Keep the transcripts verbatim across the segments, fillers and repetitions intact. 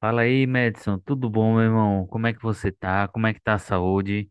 Fala aí, Madison, tudo bom, meu irmão? Como é que você tá? Como é que tá a saúde?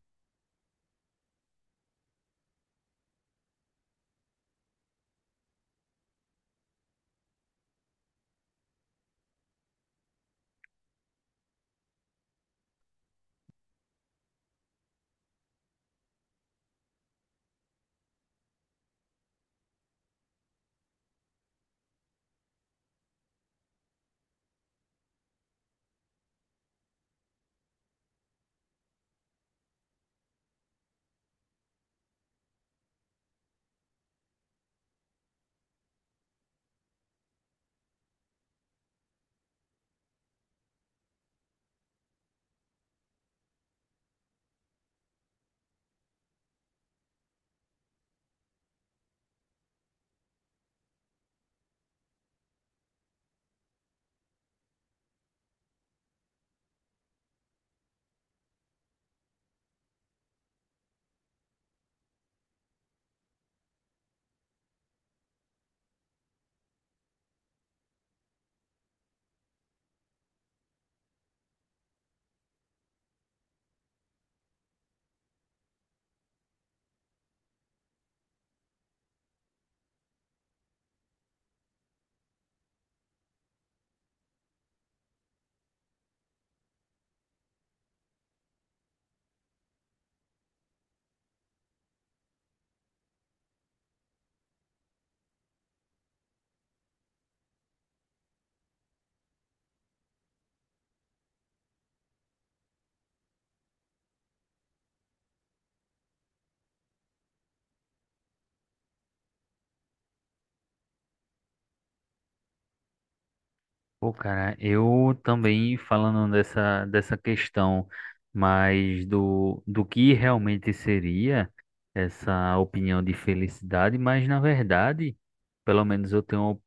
Pô, cara, eu também falando dessa, dessa questão, mas do, do que realmente seria essa opinião de felicidade, mas na verdade, pelo menos eu tenho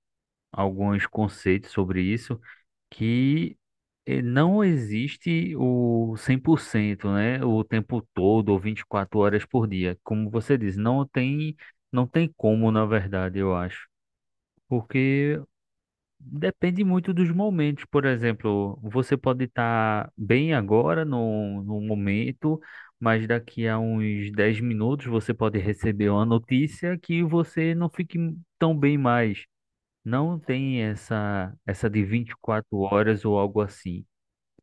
alguns conceitos sobre isso. Que eh, não existe o cem por cento, né? O tempo todo, ou vinte e quatro horas por dia. Como você diz, não tem, não tem como, na verdade, eu acho. Porque depende muito dos momentos. Por exemplo, você pode estar bem agora, no, no momento, mas daqui a uns dez minutos você pode receber uma notícia que você não fique tão bem mais. Não tem essa, essa de vinte e quatro horas ou algo assim.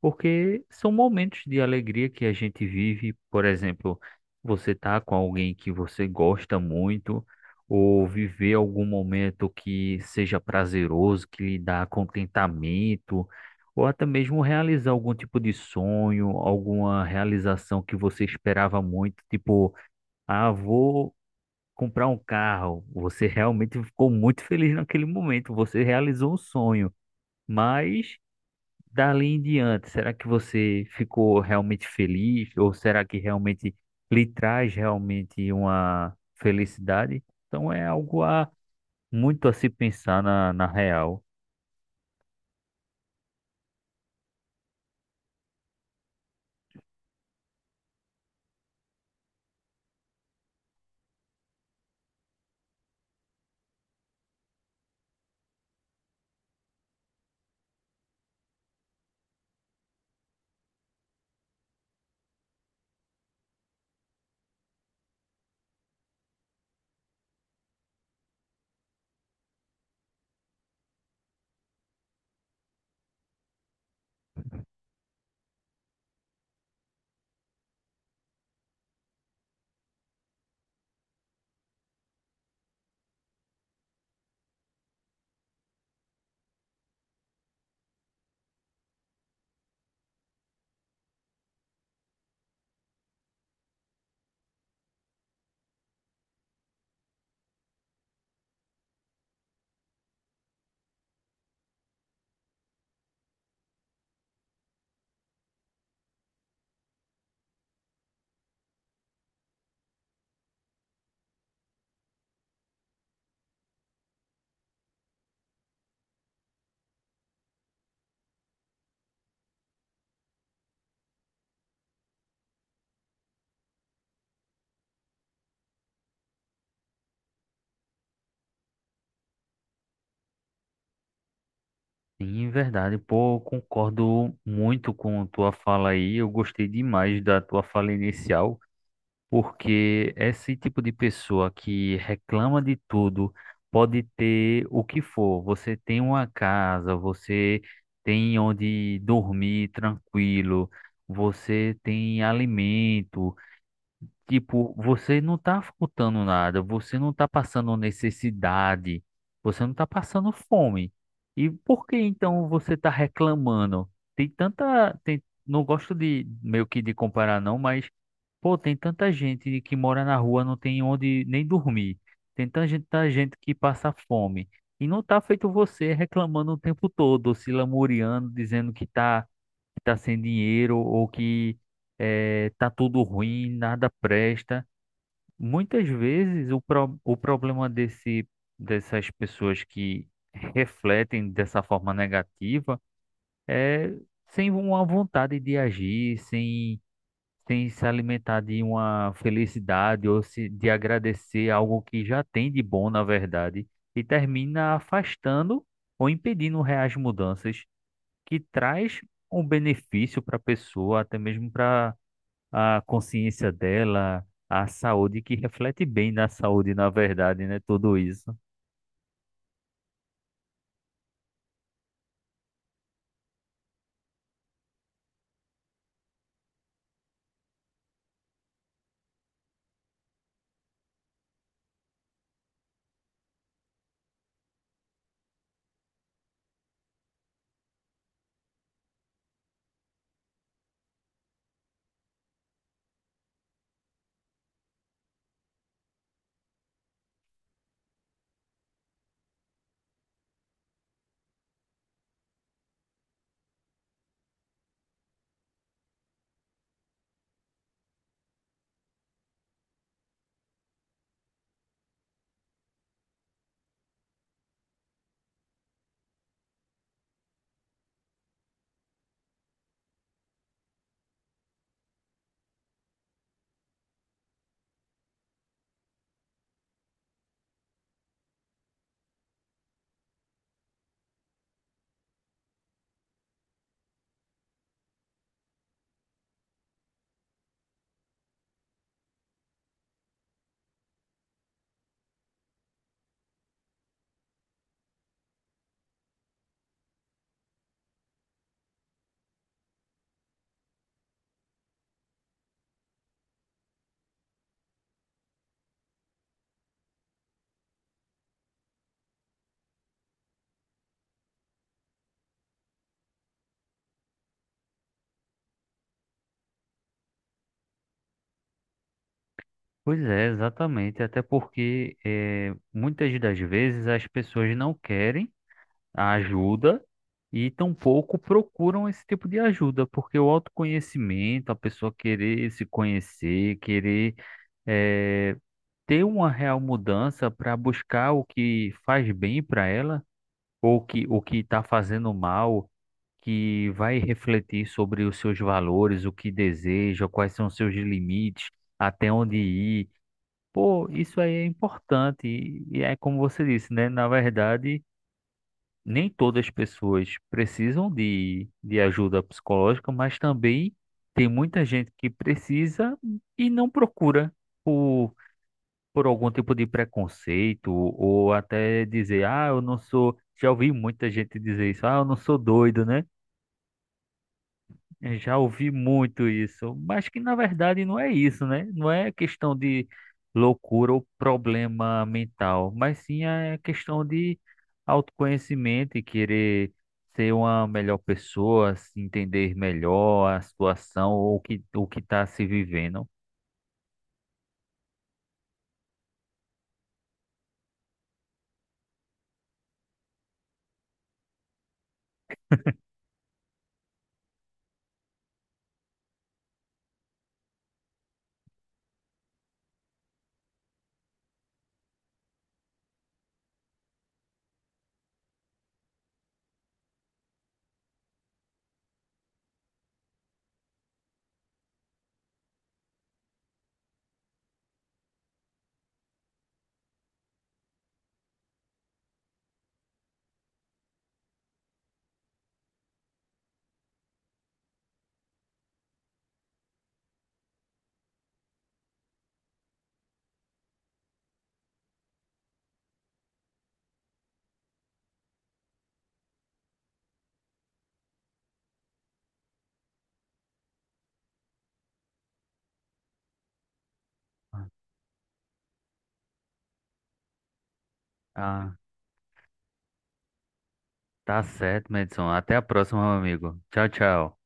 Porque são momentos de alegria que a gente vive, por exemplo, você tá com alguém que você gosta muito, ou viver algum momento que seja prazeroso, que lhe dá contentamento, ou até mesmo realizar algum tipo de sonho, alguma realização que você esperava muito, tipo, ah, vou comprar um carro. Você realmente ficou muito feliz naquele momento, você realizou um sonho, mas dali em diante, será que você ficou realmente feliz? Ou será que realmente lhe traz realmente uma felicidade? Então é algo a muito a se pensar na, na real. E, em verdade, pô, eu concordo muito com tua fala aí. Eu gostei demais da tua fala inicial porque esse tipo de pessoa que reclama de tudo pode ter o que for. Você tem uma casa, você tem onde dormir tranquilo, você tem alimento. Tipo, você não tá faltando nada, você não tá passando necessidade, você não tá passando fome. E por que então você tá reclamando? Tem tanta, tem, não gosto de meio que de comparar não, mas pô, tem tanta gente que mora na rua, não tem onde nem dormir. Tem tanta gente, tanta gente que passa fome. E não tá feito você reclamando o tempo todo, se lamuriando, dizendo que tá que tá sem dinheiro ou que eh, tá tudo ruim, nada presta. Muitas vezes o, pro, o problema desse, dessas pessoas que refletem dessa forma negativa é sem uma vontade de agir, sem, sem se alimentar de uma felicidade ou se, de agradecer algo que já tem de bom, na verdade, e termina afastando ou impedindo reais mudanças que traz um benefício para a pessoa, até mesmo para a consciência dela, a saúde, que reflete bem na saúde, na verdade, né? Tudo isso. Pois é, exatamente. Até porque eh, muitas das vezes as pessoas não querem a ajuda e tampouco procuram esse tipo de ajuda, porque o autoconhecimento, a pessoa querer se conhecer, querer eh, ter uma real mudança para buscar o que faz bem para ela. Ou que o que está fazendo mal, que vai refletir sobre os seus valores, o que deseja, quais são os seus limites, até onde ir. Pô, isso aí é importante. E e é como você disse, né? Na verdade, nem todas as pessoas precisam de, de ajuda psicológica, mas também tem muita gente que precisa e não procura por algum tipo de preconceito, ou até dizer, ah, eu não sou. Já ouvi muita gente dizer isso, ah, eu não sou doido, né? Eu já ouvi muito isso, mas que na verdade não é isso, né? Não é questão de loucura ou problema mental, mas sim é questão de autoconhecimento e querer ser uma melhor pessoa, se entender melhor a situação ou o que o que está se vivendo. Ah, tá certo, Madison. Até a próxima, meu amigo. Tchau, tchau.